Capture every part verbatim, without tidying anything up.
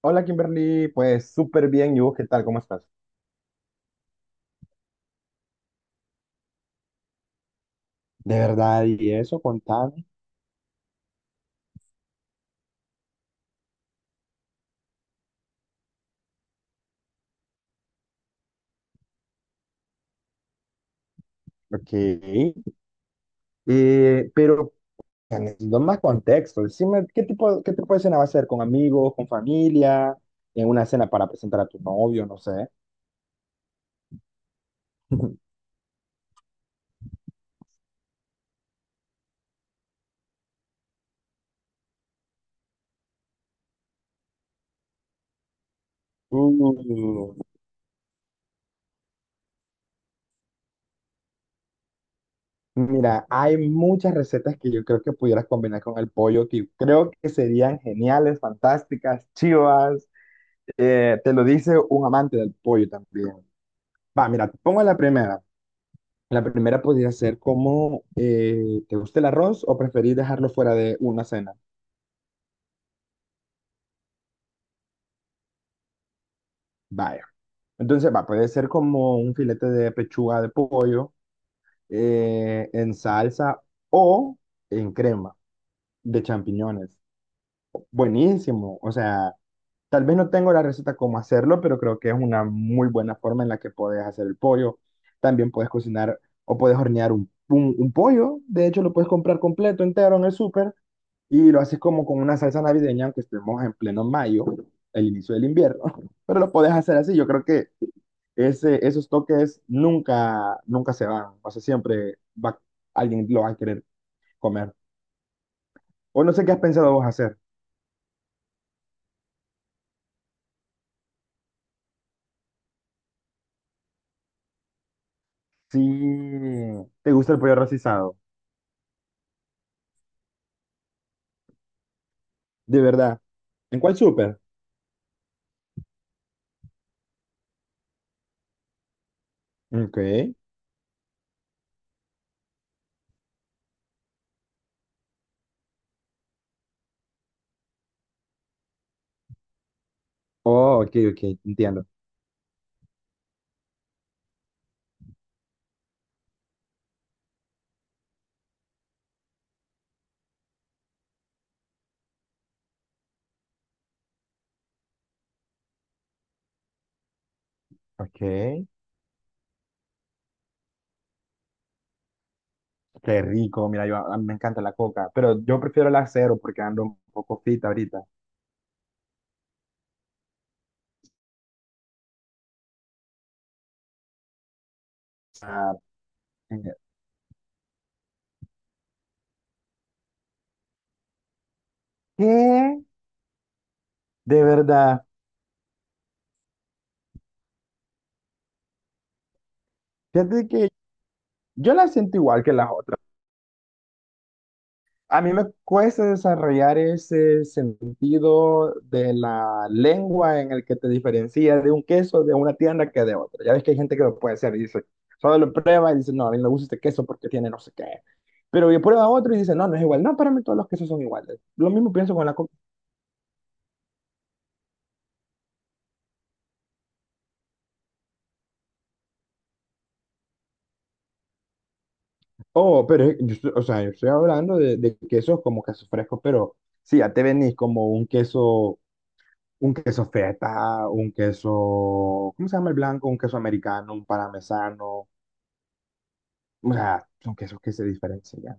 Hola Kimberly, pues súper bien. ¿Y vos qué tal? ¿Cómo estás? De verdad, y eso, contame. Ok. Eh, pero, Necesito más contexto. Decime, ¿qué tipo, qué tipo de cena va a ser? ¿Con amigos, con familia? ¿En una cena para presentar a tu novio? No sé. uh, Mira, hay muchas recetas que yo creo que pudieras combinar con el pollo, que creo que serían geniales, fantásticas, chivas. Eh, te lo dice un amante del pollo también. Va, mira, te pongo la primera. La primera podría ser como, eh, ¿te gusta el arroz o preferís dejarlo fuera de una cena? Vaya. Entonces, va, puede ser como un filete de pechuga de pollo eh, en salsa o en crema de champiñones. Buenísimo. O sea, tal vez no tengo la receta cómo hacerlo, pero creo que es una muy buena forma en la que puedes hacer el pollo. También puedes cocinar o puedes hornear un, un, un pollo. De hecho, lo puedes comprar completo, entero en el súper y lo haces como con una salsa navideña, aunque estemos en pleno mayo, el inicio del invierno, pero lo puedes hacer así. Yo creo que ese, esos toques nunca, nunca se van. O sea, siempre va, alguien lo va a querer comer. O no sé qué has pensado vos hacer. Si te gusta el pollo rostizado, de verdad. ¿En cuál súper? Ok. Oh, ok, ok, entiendo. Ok, qué rico. Mira, yo a mí me encanta la coca, pero yo prefiero la cero porque ando un poco fit ahorita. Ah, eh, ¿qué? De verdad, fíjate que yo la siento igual que las otras. A mí me cuesta desarrollar ese sentido de la lengua en el que te diferencia de un queso de una tienda que de otra. Ya ves que hay gente que lo puede hacer y dice, solo lo prueba y dice, no, a mí no me gusta este queso porque tiene no sé qué. Pero yo prueba otro y dice, no, no es igual. No, para mí todos los quesos son iguales. Lo mismo pienso con la comida. Oh, pero, es- yo estoy- o sea, yo estoy hablando de, de quesos como quesos frescos, pero sí, ya te venís como un queso. Un queso feta, un queso, ¿cómo se llama el blanco? Un queso americano, un parmesano, o sea, son quesos que se diferencian.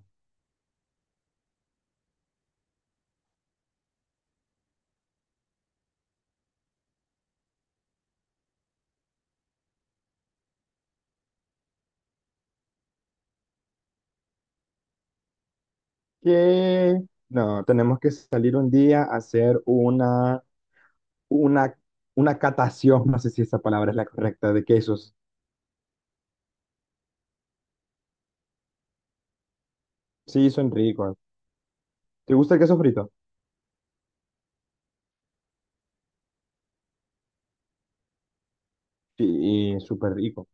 Que no, tenemos que salir un día a hacer una, una, una catación, no sé si esa palabra es la correcta, de quesos. Sí, son ricos. ¿Te gusta el queso frito? Sí, súper rico.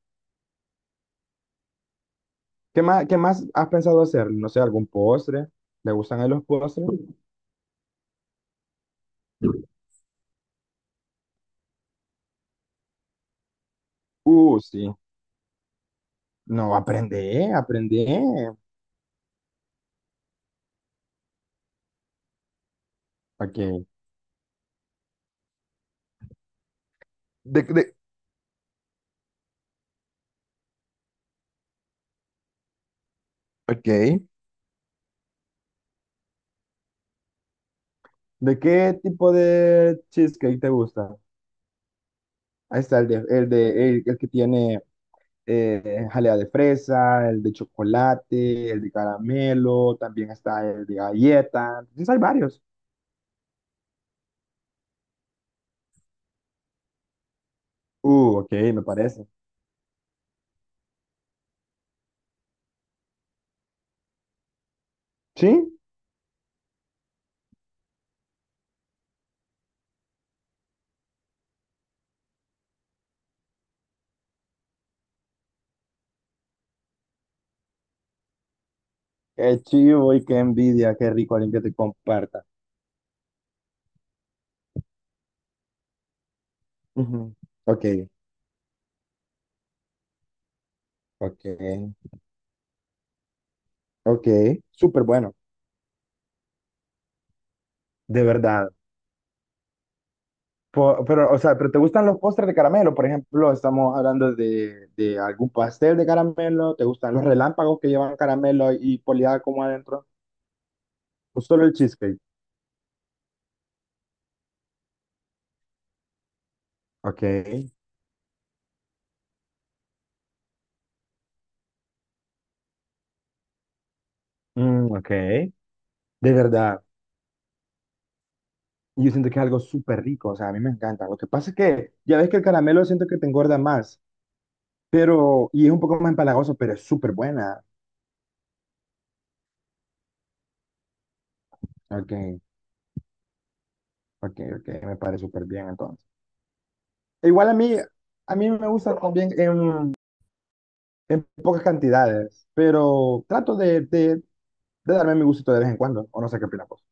¿Qué más, qué más has pensado hacer? No sé, algún postre. ¿Le gustan a él los postres? Uh, sí. No, aprende, aprende. Ok. ¿De, de Ok. ¿De qué tipo de cheesecake te gusta? Ahí está el de, el de, el, el que tiene eh, jalea de fresa, el de chocolate, el de caramelo, también está el de galleta. Entonces hay varios. Uh, ok, me parece. ¿Sí? Qué chivo y qué envidia, qué rico alguien que te comparta. Ujú. Ok, ok, ok. Súper bueno, de verdad. Po- Pero, o sea, pero ¿te gustan los postres de caramelo? Por ejemplo, estamos hablando de, de algún pastel de caramelo. ¿Te gustan los relámpagos que llevan caramelo y poleada como adentro? ¿O solo el cheesecake? Ok. Mm, ok. De verdad. Yo siento que es algo súper rico. O sea, a mí me encanta. Lo que pasa es que ya ves que el caramelo siento que te engorda más. Pero, y es un poco más empalagoso, pero es súper buena. Ok, ok, ok. Me parece súper bien entonces. E Igual a mí, a mí me gusta también, en pocas cantidades, pero trato de, de, de darme mi gustito de vez en cuando, o no sé qué opinas vos.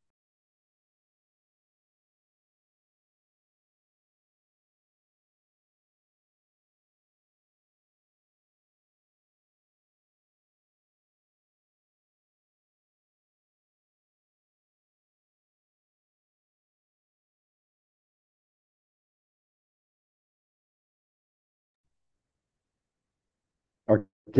Ok,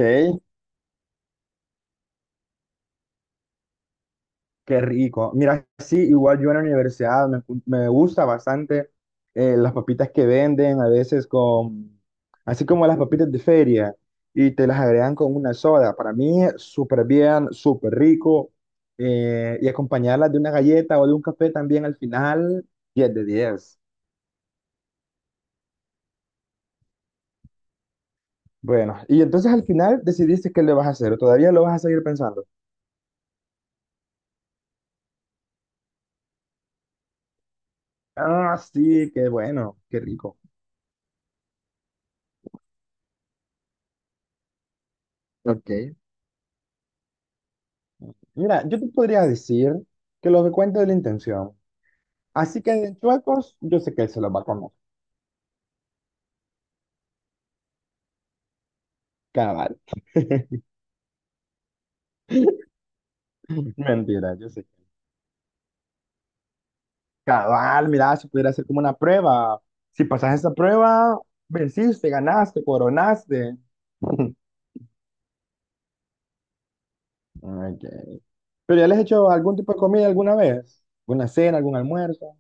qué rico. Mira, sí, igual yo en la universidad me, me gusta bastante eh, las papitas que venden, a veces con, así como las papitas de feria, y te las agregan con una soda. Para mí, súper bien, súper rico. eh, y acompañarlas de una galleta o de un café también al final, diez de diez. Bueno, y entonces al final decidiste qué le vas a hacer, ¿o todavía lo vas a seguir pensando? Ah, sí, qué bueno, qué rico. Ok. Mira, yo te podría decir que lo que cuenta es la intención. Así que de chuecos, yo sé que él se los va a comer. Cabal. Mentira, yo sé. Que- Cabal, mira, si pudiera hacer como una prueba. Si pasas esa prueba, venciste, ganaste, coronaste. Ok. ¿Pero ya les he hecho algún tipo de comida alguna vez? ¿Una cena, algún almuerzo?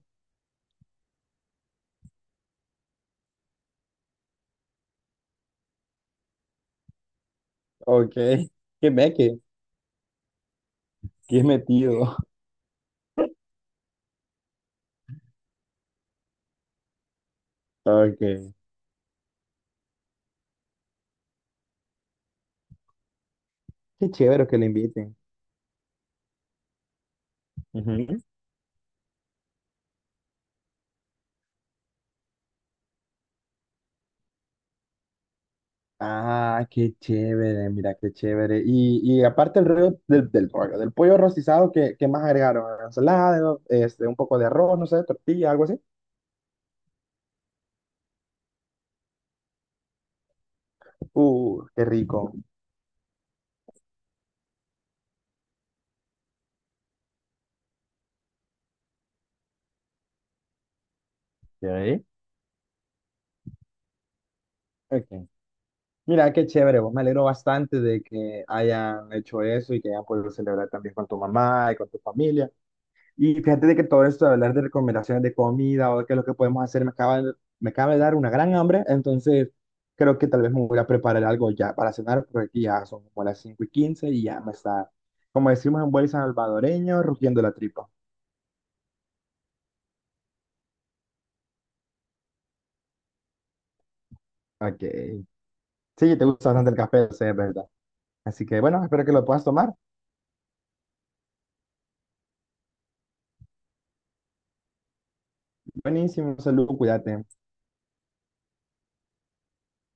Ok. ¿Qué ve? Qué metido. Ok. Qué chévere que le inviten. Ujú. Ah, qué chévere, mira, qué chévere. Y, y aparte el rollo del, del rollo, del pollo rostizado, ¿qué, qué más agregaron? Ensalada, este, un poco de arroz, no sé, tortilla, algo así. Uh, qué rico. Ok. Ok. Mira, qué chévere, vos me alegro bastante de que hayan hecho eso y que hayan podido celebrar también con tu mamá y con tu familia. Y fíjate de que todo esto de hablar de recomendaciones de comida o de qué es lo que podemos hacer, me acaba, de- me acaba de dar una gran hambre, entonces creo que tal vez me voy a preparar algo ya para cenar, porque aquí ya son como las cinco y quince y ya me está, como decimos en buen salvadoreño, rugiendo la tripa. Ok. Sí, te gusta bastante el café, sé, es verdad. Así que bueno, espero que lo puedas tomar. Buenísimo, salud, cuídate.